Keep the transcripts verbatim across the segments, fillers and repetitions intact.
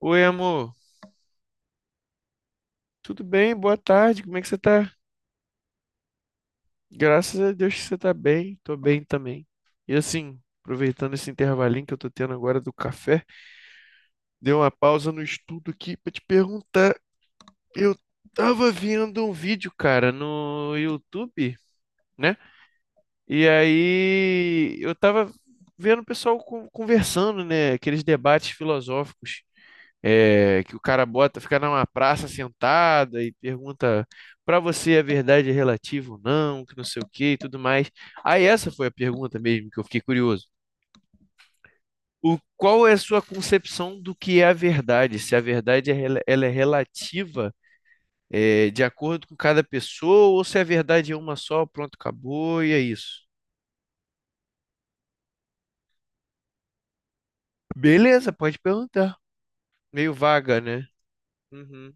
Oi, amor. Tudo bem? Boa tarde. Como é que você tá? Graças a Deus que você tá bem. Tô bem também. E assim, aproveitando esse intervalinho que eu tô tendo agora do café, dei uma pausa no estudo aqui pra te perguntar. Eu tava vendo um vídeo, cara, no YouTube, né? E aí eu tava vendo o pessoal con- conversando, né? Aqueles debates filosóficos. É, que o cara bota, fica numa praça sentada e pergunta para você a verdade é relativa ou não, que não sei o que e tudo mais. Aí essa foi a pergunta mesmo que eu fiquei curioso. O, qual é a sua concepção do que é a verdade? Se a verdade é, rela- ela é relativa, é, de acordo com cada pessoa, ou se a verdade é uma só, pronto, acabou e é isso. Beleza, pode perguntar. Meio vaga, né? Uhum.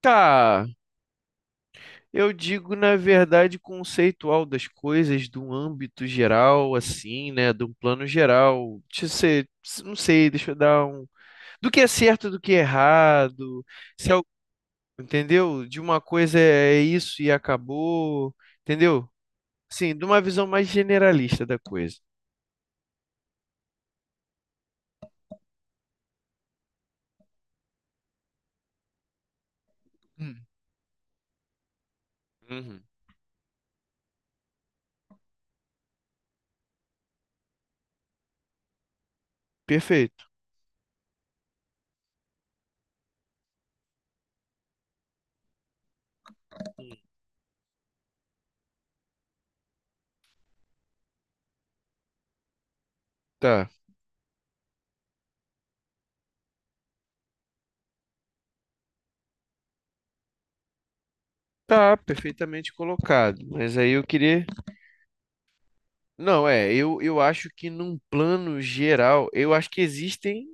Tá. Eu digo, na verdade, conceitual das coisas, de um âmbito geral, assim, né? De um plano geral. Deixa eu ser, não sei, deixa eu dar um. Do que é certo, do que é errado. Se al- entendeu? De uma coisa é é isso e acabou. Entendeu? Sim, de uma visão mais generalista da coisa. Hum. Uhum. Perfeito. Tá. Tá, perfeitamente colocado. Mas aí eu queria. Não, é, eu, eu acho que num plano geral, eu acho que existem.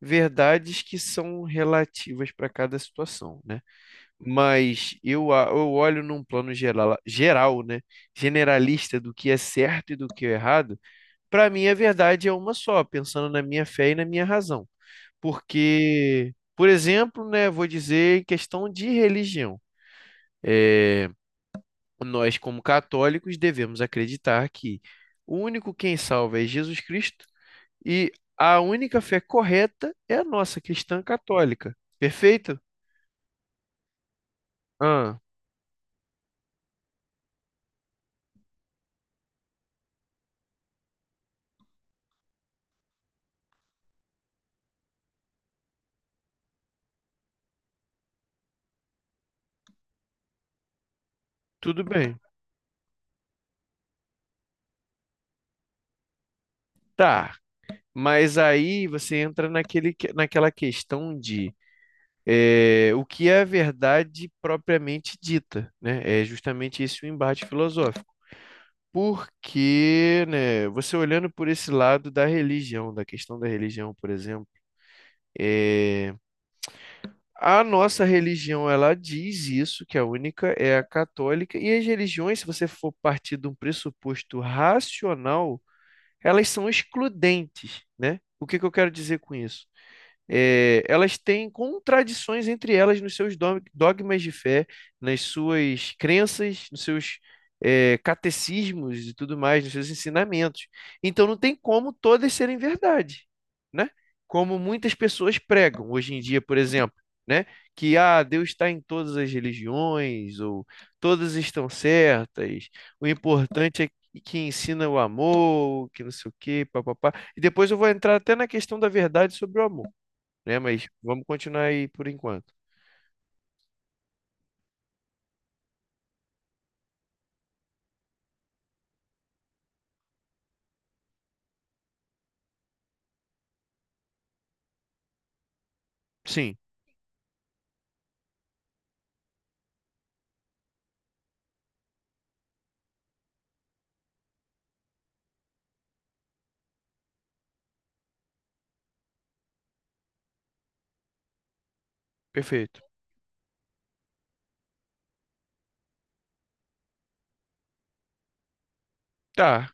Verdades que são relativas para cada situação, né? Mas eu, a- eu olho num plano geral, geral, né? Generalista do que é certo e do que é errado. Para mim, a verdade é uma só, pensando na minha fé e na minha razão. Porque, por exemplo, né, vou dizer em questão de religião. É, nós, como católicos, devemos acreditar que o único quem salva é Jesus Cristo e a única fé correta é a nossa cristã católica. Perfeito? Ah, tudo bem. Tá. Mas aí você entra naquele, que- naquela questão de eh, o que é a verdade propriamente dita, né? É justamente esse o embate filosófico. Porque, né, você olhando por esse lado da religião, da questão da religião, por exemplo, eh, a nossa religião, ela diz isso, que a única é a católica, e as religiões, se você for partir de um pressuposto racional, elas são excludentes, né? O que que eu quero dizer com isso? É, elas têm contradições entre elas nos seus dog- dogmas de fé, nas suas crenças, nos seus é, catecismos e tudo mais, nos seus ensinamentos. Então não tem como todas serem verdade, né? Como muitas pessoas pregam hoje em dia, por exemplo, né? Que ah, Deus está em todas as religiões, ou todas estão certas, o importante é que ensina o amor, que não sei o quê, papapá. E depois eu vou entrar até na questão da verdade sobre o amor né? Mas vamos continuar aí por enquanto. Sim, perfeito. Tá.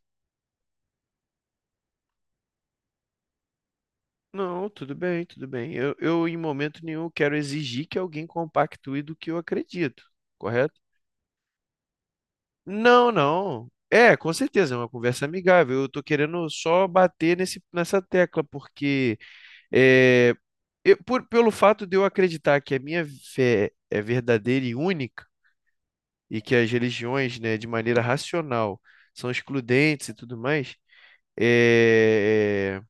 Não, tudo bem, tudo bem. Eu, eu em momento nenhum quero exigir que alguém compactue do que eu acredito, correto? Não, não. É, com certeza, é uma conversa amigável. Eu tô querendo só bater nesse, nessa tecla, porque é, eu- por- pelo fato de eu acreditar que a minha fé é verdadeira e única, e que as religiões, né, de maneira racional, são excludentes e tudo mais, é,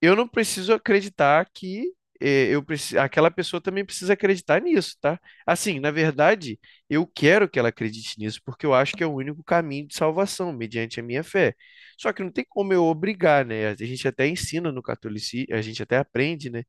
eu não preciso acreditar que eh, eu preci... aquela pessoa também precisa acreditar nisso, tá? Assim, na verdade, eu quero que ela acredite nisso, porque eu acho que é o único caminho de salvação, mediante a minha fé. Só que não tem como eu obrigar, né? A gente até ensina no catolicismo, a gente até aprende, né?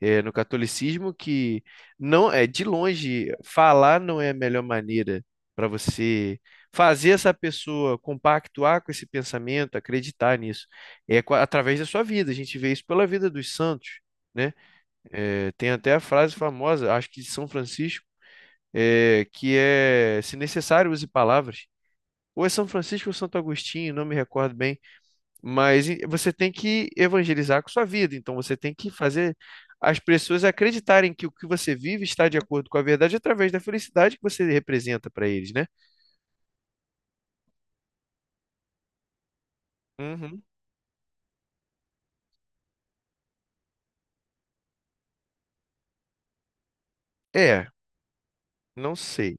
eh, No catolicismo que não é de longe falar não é a melhor maneira para você fazer essa pessoa compactuar com esse pensamento, acreditar nisso é co- através da sua vida. A gente vê isso pela vida dos santos, né? É, tem até a frase famosa, acho que de São Francisco, é, que é: se necessário, use palavras. Ou é São Francisco ou Santo Agostinho, não me recordo bem, mas e- você tem que evangelizar com sua vida, então você tem que fazer as pessoas acreditarem que o que você vive está de acordo com a verdade através da felicidade que você representa para eles, né? Uhum. É, não sei.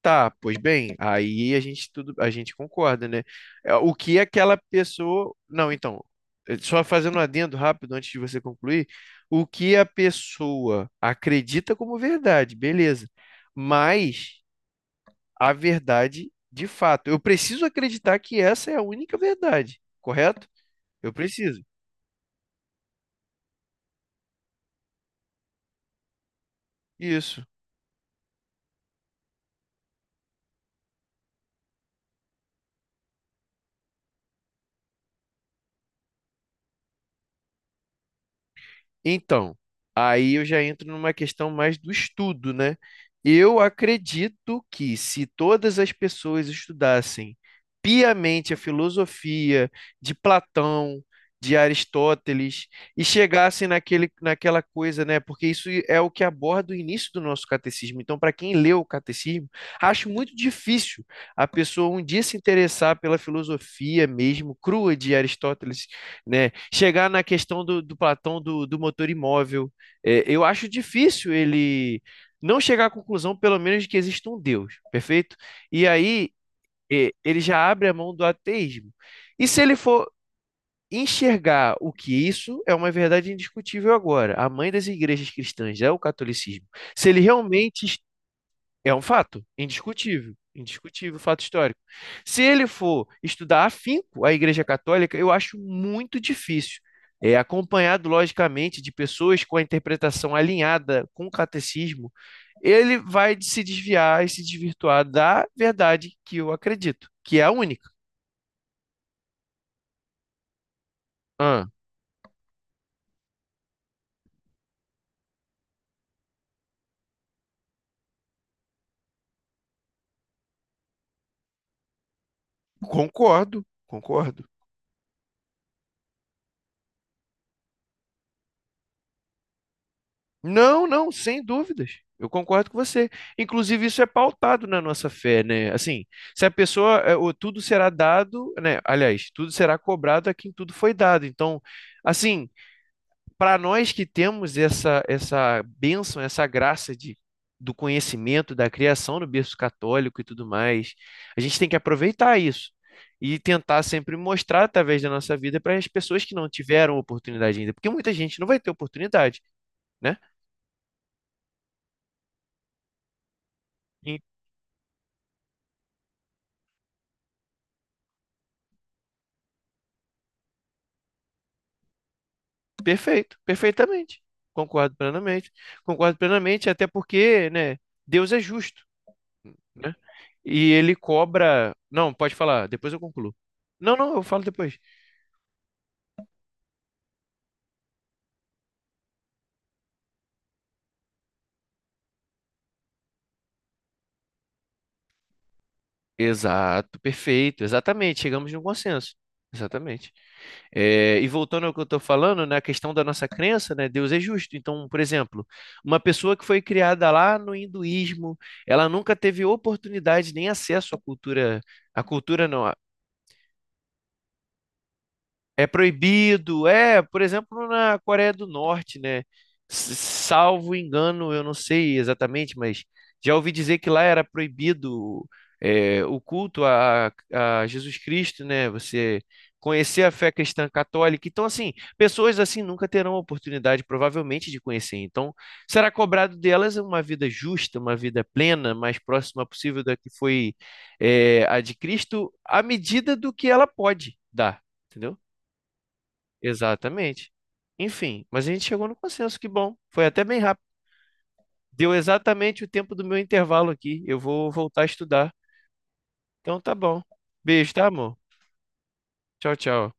Tá, pois bem, aí a gente tudo, a gente concorda, né? É, o que aquela pessoa, não, então, eh, só fazendo um adendo rápido antes de você concluir, o que a pessoa acredita como verdade, beleza? Mas a verdade de fato, eu preciso acreditar que essa é a única verdade, correto? Eu preciso. Isso. Então, aí eu já entro numa questão mais do estudo, né? Eu acredito que se todas as pessoas estudassem piamente a filosofia de Platão, de Aristóteles e chegassem naquele, naquela coisa, né? Porque isso é o que aborda o início do nosso catecismo. Então, para quem leu o catecismo, acho muito difícil a pessoa um dia se interessar pela filosofia mesmo crua de Aristóteles né? Chegar na questão do, do Platão do, do motor imóvel. É, eu acho difícil ele não chegar à conclusão, pelo menos, de que existe um Deus, perfeito? E aí é, ele já abre a mão do ateísmo. E se ele for enxergar o que isso é uma verdade indiscutível agora, a mãe das igrejas cristãs é o catolicismo. Se ele realmente é um fato, indiscutível, indiscutível, fato histórico. Se ele for estudar afinco a Igreja Católica, eu acho muito difícil. É acompanhado, logicamente, de pessoas com a interpretação alinhada com o catecismo, ele vai se desviar e se desvirtuar da verdade que eu acredito, que é a única. Ah, concordo, concordo. Não, não, sem dúvidas. Eu concordo com você. Inclusive, isso é pautado na nossa fé, né? Assim, se a pessoa, é, o tudo será dado, né? Aliás, tudo será cobrado a quem tudo foi dado. Então, assim, para nós que temos essa essa bênção, essa graça de do conhecimento, da criação no berço católico e tudo mais, a gente tem que aproveitar isso e tentar sempre mostrar através da nossa vida para as pessoas que não tiveram oportunidade ainda, porque muita gente não vai ter oportunidade, né? Perfeito, perfeitamente. Concordo plenamente. Concordo plenamente, até porque, né, Deus é justo, né? E ele cobra. Não, pode falar, depois eu concluo. Não, não, eu falo depois. Exato, perfeito, exatamente. Chegamos num consenso. Exatamente. É, e voltando ao que eu estou falando, na questão da nossa crença, né, Deus é justo. Então, por exemplo, uma pessoa que foi criada lá no hinduísmo, ela nunca teve oportunidade nem acesso à cultura, à cultura não, é proibido, é, por exemplo, na Coreia do Norte, né? S- Salvo engano, eu não sei exatamente, mas já ouvi dizer que lá era proibido é, o culto a, a Jesus Cristo, né? Você conhecer a fé cristã católica. Então, assim, pessoas assim nunca terão a oportunidade, provavelmente, de conhecer. Então, será cobrado delas uma vida justa, uma vida plena, mais próxima possível da que foi é, a de Cristo, à medida do que ela pode dar, entendeu? Exatamente. Enfim, mas a gente chegou no consenso, que bom. Foi até bem rápido. Deu exatamente o tempo do meu intervalo aqui. Eu vou voltar a estudar. Então tá bom. Beijo, tá, amor? Tchau, tchau.